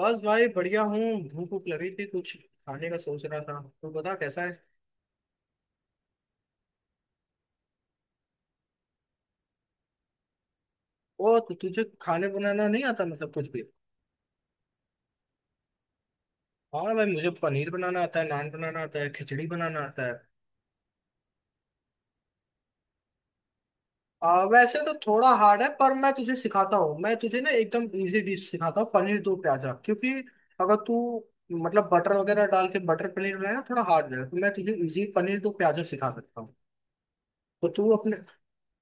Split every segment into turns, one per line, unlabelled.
बस भाई बढ़िया हूँ। भूख भूख लगी थी, कुछ खाने का सोच रहा था। तू बता कैसा है। ओ तो तुझे खाने बनाना नहीं आता, मतलब कुछ भी। हाँ भाई, मुझे पनीर बनाना आता है, नान बनाना आता है, खिचड़ी बनाना आता है। वैसे तो थोड़ा हार्ड है, पर मैं तुझे सिखाता हूँ। मैं तुझे ना एकदम इजी डिश सिखाता हूँ, पनीर दो प्याजा। क्योंकि अगर तू मतलब बटर वगैरह डाल के बटर पनीर बनाना थोड़ा हार्ड है, तो मैं तुझे इजी पनीर दो प्याजा सिखा सकता हूँ। तो तू अपने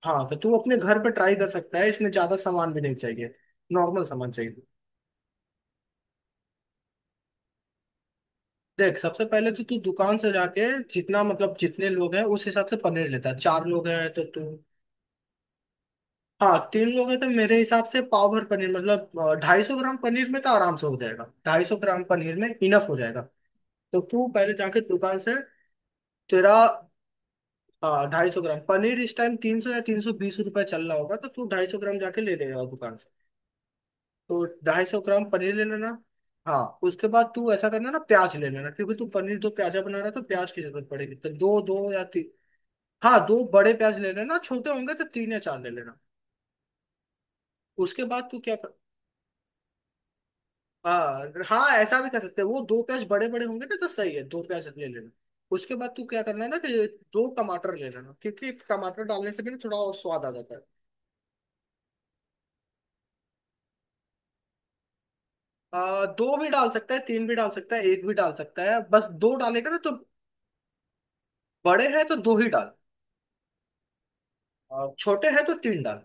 हाँ तो तू अपने घर पे ट्राई कर सकता है, इसमें ज्यादा सामान भी नहीं चाहिए। नॉर्मल सामान चाहिए। देख, सबसे पहले तो तू दुकान से जाके जितना, मतलब जितने लोग हैं उस हिसाब से पनीर लेता है। चार लोग हैं तो तू। हाँ, तीन लोग हैं तो मेरे हिसाब से पाव भर पनीर, मतलब 250 ग्राम पनीर में तो आराम से हो जाएगा, ढाई सौ ग्राम पनीर में इनफ हो जाएगा। तो तू पहले जाके दुकान से तेरा। ढाई सौ ग्राम पनीर इस टाइम 300 या 320 रुपये चल रहा होगा, तो तू ढाई सौ ग्राम जाके ले लेगा दुकान से। तो ढाई सौ ग्राम पनीर ले लेना। हाँ, उसके बाद तू ऐसा करना ना, प्याज ले लेना, क्योंकि तू पनीर दो प्याजा बना रहा है तो प्याज की जरूरत पड़ेगी, तो दो दो या तीन। हाँ, दो बड़े प्याज ले लेना, छोटे होंगे तो तीन या चार ले लेना। उसके बाद तू क्या कर। हाँ हाँ, ऐसा भी कर सकते हैं, वो दो प्याज बड़े बड़े होंगे ना, तो सही है, दो प्याज ले लेना। उसके बाद तू क्या करना है ना कि दो टमाटर ले लेना, क्योंकि टमाटर डालने से भी ना थोड़ा और स्वाद आ जाता है। दो भी डाल सकता है, तीन भी डाल सकता है, एक भी डाल सकता है, बस दो डालेगा ना तो। बड़े हैं तो दो ही डाल, और छोटे हैं तो तीन डाल।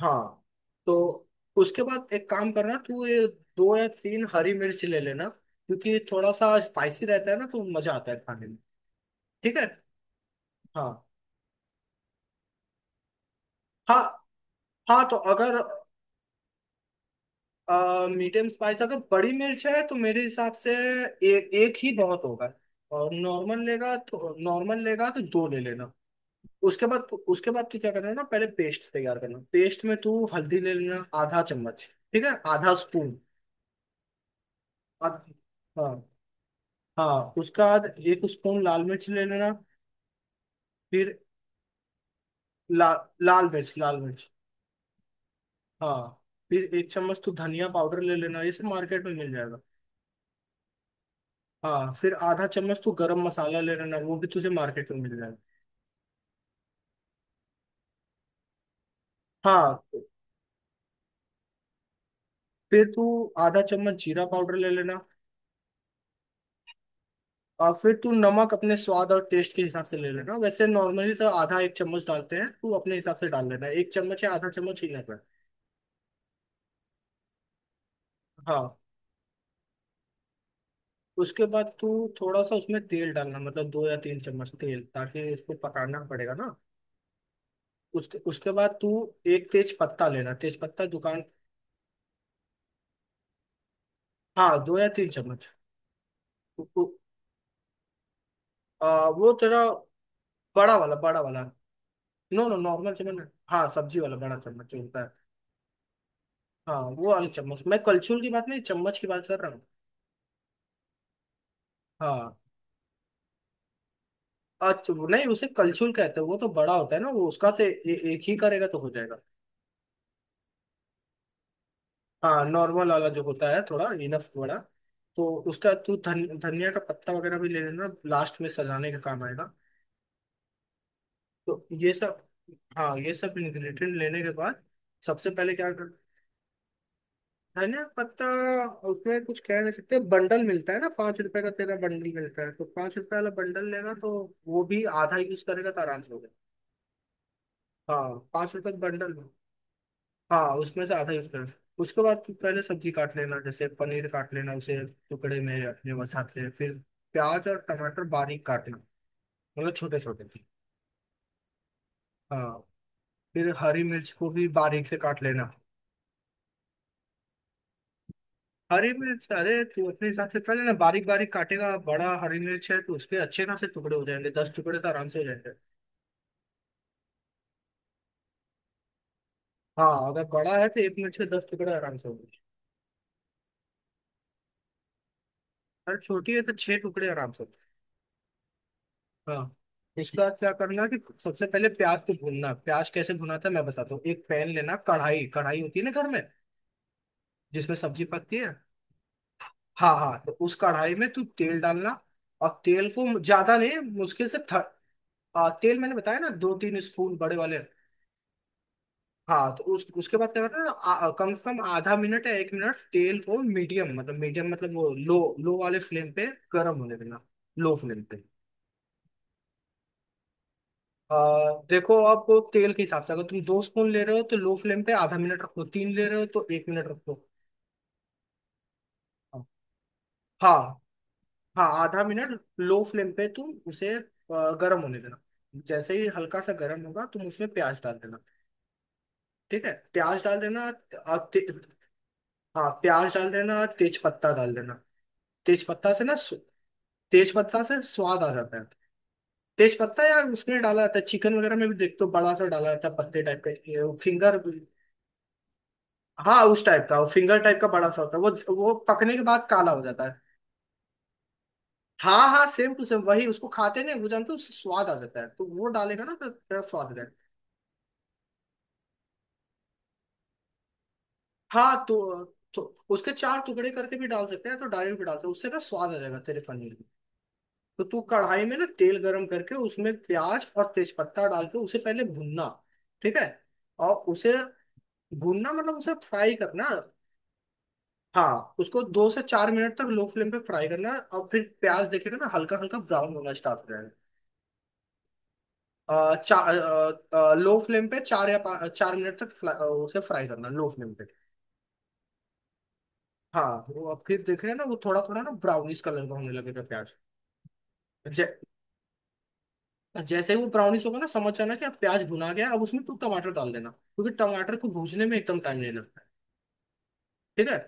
हाँ। तो उसके बाद एक काम करना तू ये, दो या तीन हरी मिर्च ले लेना, क्योंकि थोड़ा सा स्पाइसी रहता है ना, तो मजा आता है खाने में। ठीक है। हाँ हाँ। हाँ तो अगर मीडियम स्पाइस, अगर बड़ी मिर्च है तो मेरे हिसाब से एक ही बहुत होगा, और नॉर्मल लेगा, तो नॉर्मल लेगा तो दो ले लेना। उसके बाद उसके बाद तू क्या करना ना, पहले पेस्ट तैयार करना। पेस्ट में तू हल्दी ले लेना, आधा चम्मच ठीक है, आधा स्पून। हाँ। हाँ उसका बाद एक स्पून लाल मिर्च ले लेना। फिर ला, लाल मिर्च। हाँ फिर एक चम्मच तू धनिया पाउडर ले लेना, ये सब मार्केट में मिल जाएगा। हाँ फिर आधा चम्मच तू गरम मसाला ले लेना, वो भी तुझे मार्केट में मिल जाएगा। हाँ फिर तू आधा चम्मच जीरा पाउडर ले लेना। और फिर तू नमक अपने स्वाद और टेस्ट के हिसाब से ले लेना, वैसे नॉर्मली तो आधा एक चम्मच डालते हैं, तू अपने हिसाब से डाल लेना, एक चम्मच या आधा चम्मच ही लेना। हाँ। उसके बाद तू थोड़ा सा उसमें तेल डालना, मतलब दो या तीन चम्मच तेल, ताकि उसको पकाना पड़ेगा ना। उसके उसके बाद तू एक तेज पत्ता लेना, तेज पत्ता दुकान। हाँ दो या तीन चम्मच। उ- उ- वो तेरा बड़ा वाला, बड़ा वाला। नो नो, नॉर्मल चम्मच। हाँ, सब्जी वाला बड़ा चम्मच जो होता है। हाँ वो वाला चम्मच, मैं कलछुल की बात नहीं, चम्मच की बात कर रहा हूँ। हाँ। अच्छा वो नहीं, उसे कलछुल कहते हैं, वो तो बड़ा होता है ना वो। उसका तो ए, ए- एक ही करेगा तो हो जाएगा। हाँ, नॉर्मल वाला जो होता है, थोड़ा इनफ वाला। तो उसका तू धनिया का पत्ता वगैरह भी ले लेना, लास्ट में सजाने का काम आएगा। तो ये सब। हाँ, ये सब इंग्रेडिएंट लेने के बाद सबसे पहले क्या कर। धनिया पत्ता, उसमें कुछ कह नहीं सकते, बंडल मिलता है ना 5 रुपए का, तेरा बंडल मिलता है तो पाँच रुपए वाला बंडल लेगा, तो वो भी आधा यूज करेगा तो आराम से हो गया। हाँ, पाँच रुपए का बंडल। हाँ उसमें से आधा यूज कर। उसके बाद पहले सब्जी काट लेना, जैसे पनीर काट लेना उसे टुकड़े में अपने वसात से। फिर प्याज और टमाटर बारीक काटना, मतलब छोटे छोटे। हाँ। फिर हरी मिर्च को भी बारीक से काट लेना। हरी मिर्च, अरे तू अपने हिसाब से पहले ना बारीक बारीक काटेगा, बड़ा हरी मिर्च है तो उसके अच्छे खासे टुकड़े हो जाएंगे, 10 टुकड़े तो आराम से हो जाएंगे। हाँ, अगर बड़ा है तो एक मिर्च के दस टुकड़े आराम से हो जाएंगे, अगर छोटी है तो 6 टुकड़े आराम से। हाँ। उसका क्या करना कि सबसे पहले प्याज को भूनना। प्याज कैसे भुना था मैं बताता हूँ। एक पैन लेना, कढ़ाई कढ़ाई होती है ना घर में, जिसमें सब्जी पकती है। हाँ हाँ, तो उस कढ़ाई में तू तेल डालना, और तेल को ज्यादा नहीं, मुश्किल से तेल मैंने बताया ना दो तीन स्पून बड़े वाले। हाँ, तो उस उसके बाद क्या करना ना, कम से कम आधा मिनट या एक मिनट तेल को मीडियम, मतलब मीडियम, मतलब वो लो, लो वाले फ्लेम पे गर्म होने देना। लो फ्लेम पे। आ, देखो आप, तेल के हिसाब से अगर तुम दो स्पून ले रहे हो तो लो फ्लेम पे आधा मिनट रखो, तीन ले रहे हो तो एक मिनट रखो। हाँ। हाँ, आधा मिनट लो फ्लेम पे तुम उसे गर्म होने देना। जैसे ही हल्का सा गर्म होगा तुम उसमें प्याज डाल देना। ठीक है, प्याज डाल देना और हाँ, प्याज डाल देना और तेज पत्ता डाल देना। तेज पत्ता से ना, तेज पत्ता से स्वाद आ जाता है। तेज पत्ता यार, उसमें डाला जाता है, चिकन वगैरह में भी देखते हो बड़ा सा डाला जाता है, पत्ते टाइप का फिंगर। हाँ, उस टाइप का, वो फिंगर टाइप का बड़ा सा होता है वो। वो पकने के बाद काला हो जाता है। हाँ हाँ, सेम टू सेम वही, उसको खाते हैं ना वो, जानते हो, उससे स्वाद आ जाता है, तो वो डालेगा ना तो तेरा स्वाद रहेगा। हाँ। तो उसके चार टुकड़े करके भी डाल सकते हैं, तो डायरेक्ट भी डाल सकते हैं, उससे ना स्वाद आ जाएगा तेरे पनीर में। तो तू कढ़ाई में ना तेल गरम करके उसमें प्याज और तेज पत्ता डाल के उसे पहले भूनना, ठीक है। और उसे, भूनना मतलब उसे फ्राई करना। हाँ, उसको दो से चार मिनट तक लो फ्लेम पे फ्राई करना है, और फिर प्याज देखिएगा ना हल्का हल्का ब्राउन होना स्टार्ट हो जाएगा। चार, लो फ्लेम पे चार या पाँच, 4 मिनट तक उसे फ्राई करना लो फ्लेम पे। हाँ, वो अब फिर देख रहे हैं ना वो थोड़ा थोड़ा ना ब्राउनिश कलर का होने लगेगा प्याज। जै, जैसे ही वो ब्राउनिश होगा ना, समझ जाना कि अब प्याज भुना गया। अब उसमें तू टमाटर डाल देना, क्योंकि टमाटर को भूनने में एकदम टाइम नहीं लगता है, ठीक है।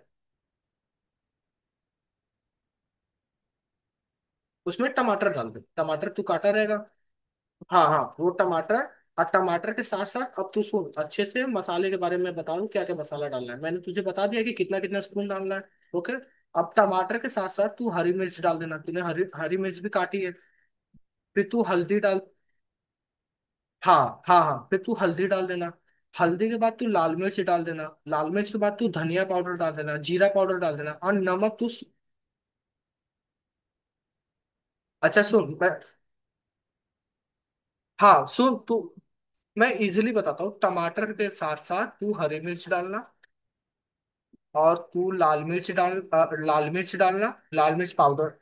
उसमें टमाटर डाल दे, टमाटर तू काटा रहेगा। हाँ हाँ, वो टमाटर। और टमाटर के साथ साथ अब तू सुन अच्छे से, मसाले के बारे में बता दूं क्या क्या मसाला डालना है, मैंने तुझे बता दिया कि कितना कितना स्पून डालना है। ओके। अब टमाटर के साथ साथ तू हरी मिर्च डाल देना, तूने हरी हरी मिर्च भी काटी है। फिर तू हल्दी डाल, हाँ हाँ हाँ, फिर तू हल्दी डाल देना। हल्दी के बाद तू लाल मिर्च डाल देना, लाल मिर्च के बाद तू धनिया पाउडर डाल देना, जीरा पाउडर डाल देना, और नमक तू। अच्छा, सुन मैं, हाँ सुन तू, मैं इजिली बताता हूँ। टमाटर के साथ साथ तू हरी मिर्च डालना, और तू लाल मिर्च डाल लाल मिर्च डालना, लाल मिर्च पाउडर।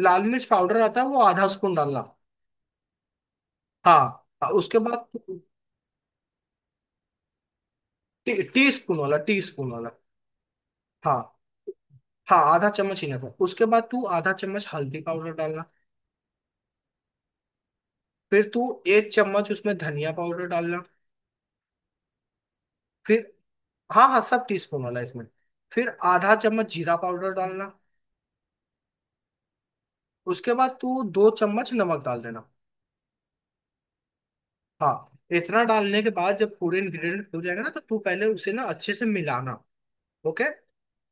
लाल मिर्च पाउडर आता है, वो आधा स्पून डालना। हाँ उसके बाद तू, टी स्पून वाला, टी स्पून वाला। हाँ हाँ, आधा चम्मच ही ना। उसके बाद तू आधा चम्मच हल्दी पाउडर डालना। फिर तू एक चम्मच उसमें धनिया पाउडर डालना। फिर, हाँ हाँ, सब टी स्पून वाला इसमें। फिर आधा चम्मच जीरा पाउडर डालना। उसके बाद तू दो चम्मच नमक डाल देना। हाँ, इतना डालने के बाद जब पूरे इंग्रेडिएंट हो जाएगा ना, तो तू पहले उसे ना अच्छे से मिलाना। ओके।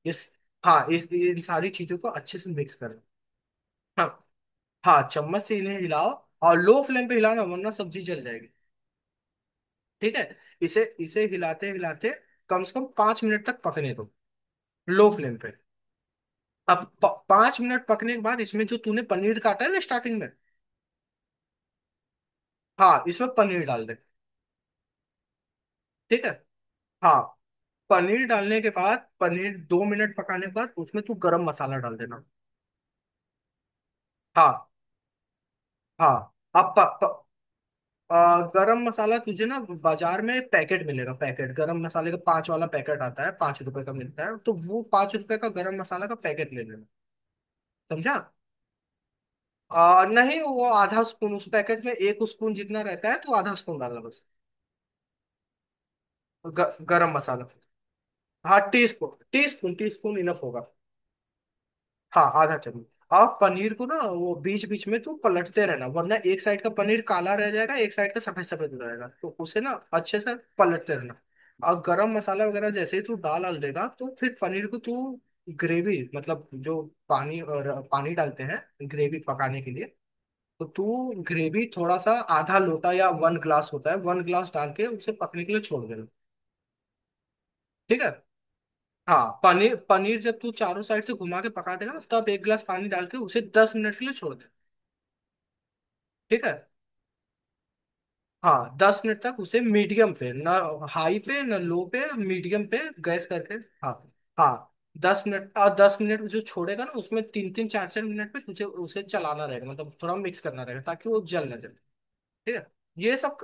इस हाँ, इस, इन सारी चीजों को अच्छे से मिक्स करें। हाँ हाँ, चम्मच से इन्हें हिलाओ, और लो फ्लेम पे हिलाना वरना सब्जी जल जाएगी। ठीक है। इसे इसे हिलाते हिलाते कम से कम 5 मिनट तक पकने दो, लो फ्लेम पे। अब पाँच मिनट पकने के बाद इसमें जो तूने पनीर काटा है ना स्टार्टिंग में, हाँ इसमें पनीर डाल दे, ठीक है। हाँ, पनीर डालने के बाद, पनीर 2 मिनट पकाने के बाद उसमें तू गरम मसाला डाल देना। हाँ हाँ, अब प, प, गरम मसाला तुझे ना बाजार में पैकेट मिलेगा, पैकेट गरम मसाले का, पांच वाला पैकेट आता है, 5 रुपए का मिलता है, तो वो पांच रुपए का गरम मसाला का पैकेट ले लेना। समझा। नहीं, वो आधा स्पून, उस पैकेट में एक स्पून जितना रहता है, तो आधा स्पून डालना बस। गरम मसाला। हाँ, टी स्पून इनफ होगा। हाँ, आधा चम्मच। आप पनीर को ना वो बीच बीच में तो पलटते रहना, वरना एक साइड का पनीर काला रह जाएगा, एक साइड का सफेद सफेद रहेगा, तो उसे ना अच्छे से पलटते रहना। और गरम मसाला वगैरह जैसे ही तू डाल डाल देगा, तो फिर पनीर को तू ग्रेवी, मतलब जो पानी और पानी डालते हैं ग्रेवी पकाने के लिए, तो तू ग्रेवी थोड़ा सा, आधा लोटा या वन ग्लास होता है, वन ग्लास डाल के उसे पकने के लिए छोड़ देना, ठीक है। हाँ, पनीर पनीर जब तू चारों साइड से घुमा के पका देगा, तब एक गिलास पानी डाल के उसे 10 मिनट के लिए छोड़, ठीक है। हाँ, दस मिनट तक उसे मीडियम पे ना, हाई पे ना, लो पे, मीडियम पे गैस करके। हाँ हाँ, दस मिनट, और दस मिनट जो छोड़ेगा ना उसमें तीन तीन चार चार मिनट पे तुझे उसे चलाना रहेगा, मतलब थोड़ा मिक्स करना रहेगा, ताकि वो जल ना जाए। ठीक है। ये सब,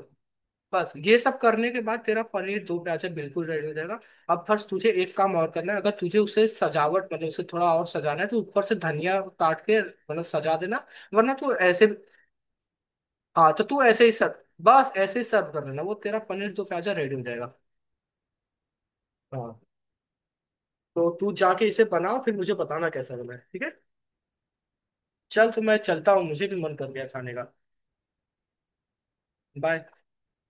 बस ये सब करने के बाद तेरा पनीर दो प्याजा बिल्कुल रेडी हो जाएगा। अब फर्स्ट तुझे एक काम और करना है, अगर तुझे उसे सजावट, मतलब उसे थोड़ा और सजाना है, तो ऊपर से धनिया काट के मतलब सजा देना। वरना तू ऐसे, हाँ तो तू ऐसे ही सर्व, बस ऐसे ही सर्व कर लेना, वो तेरा पनीर दो प्याजा रेडी हो जाएगा। हाँ, तो तू जाके इसे बनाओ फिर मुझे बताना कैसा बना है, ठीक है। चल तो मैं चलता हूँ, मुझे भी मन कर गया खाने का। बाय।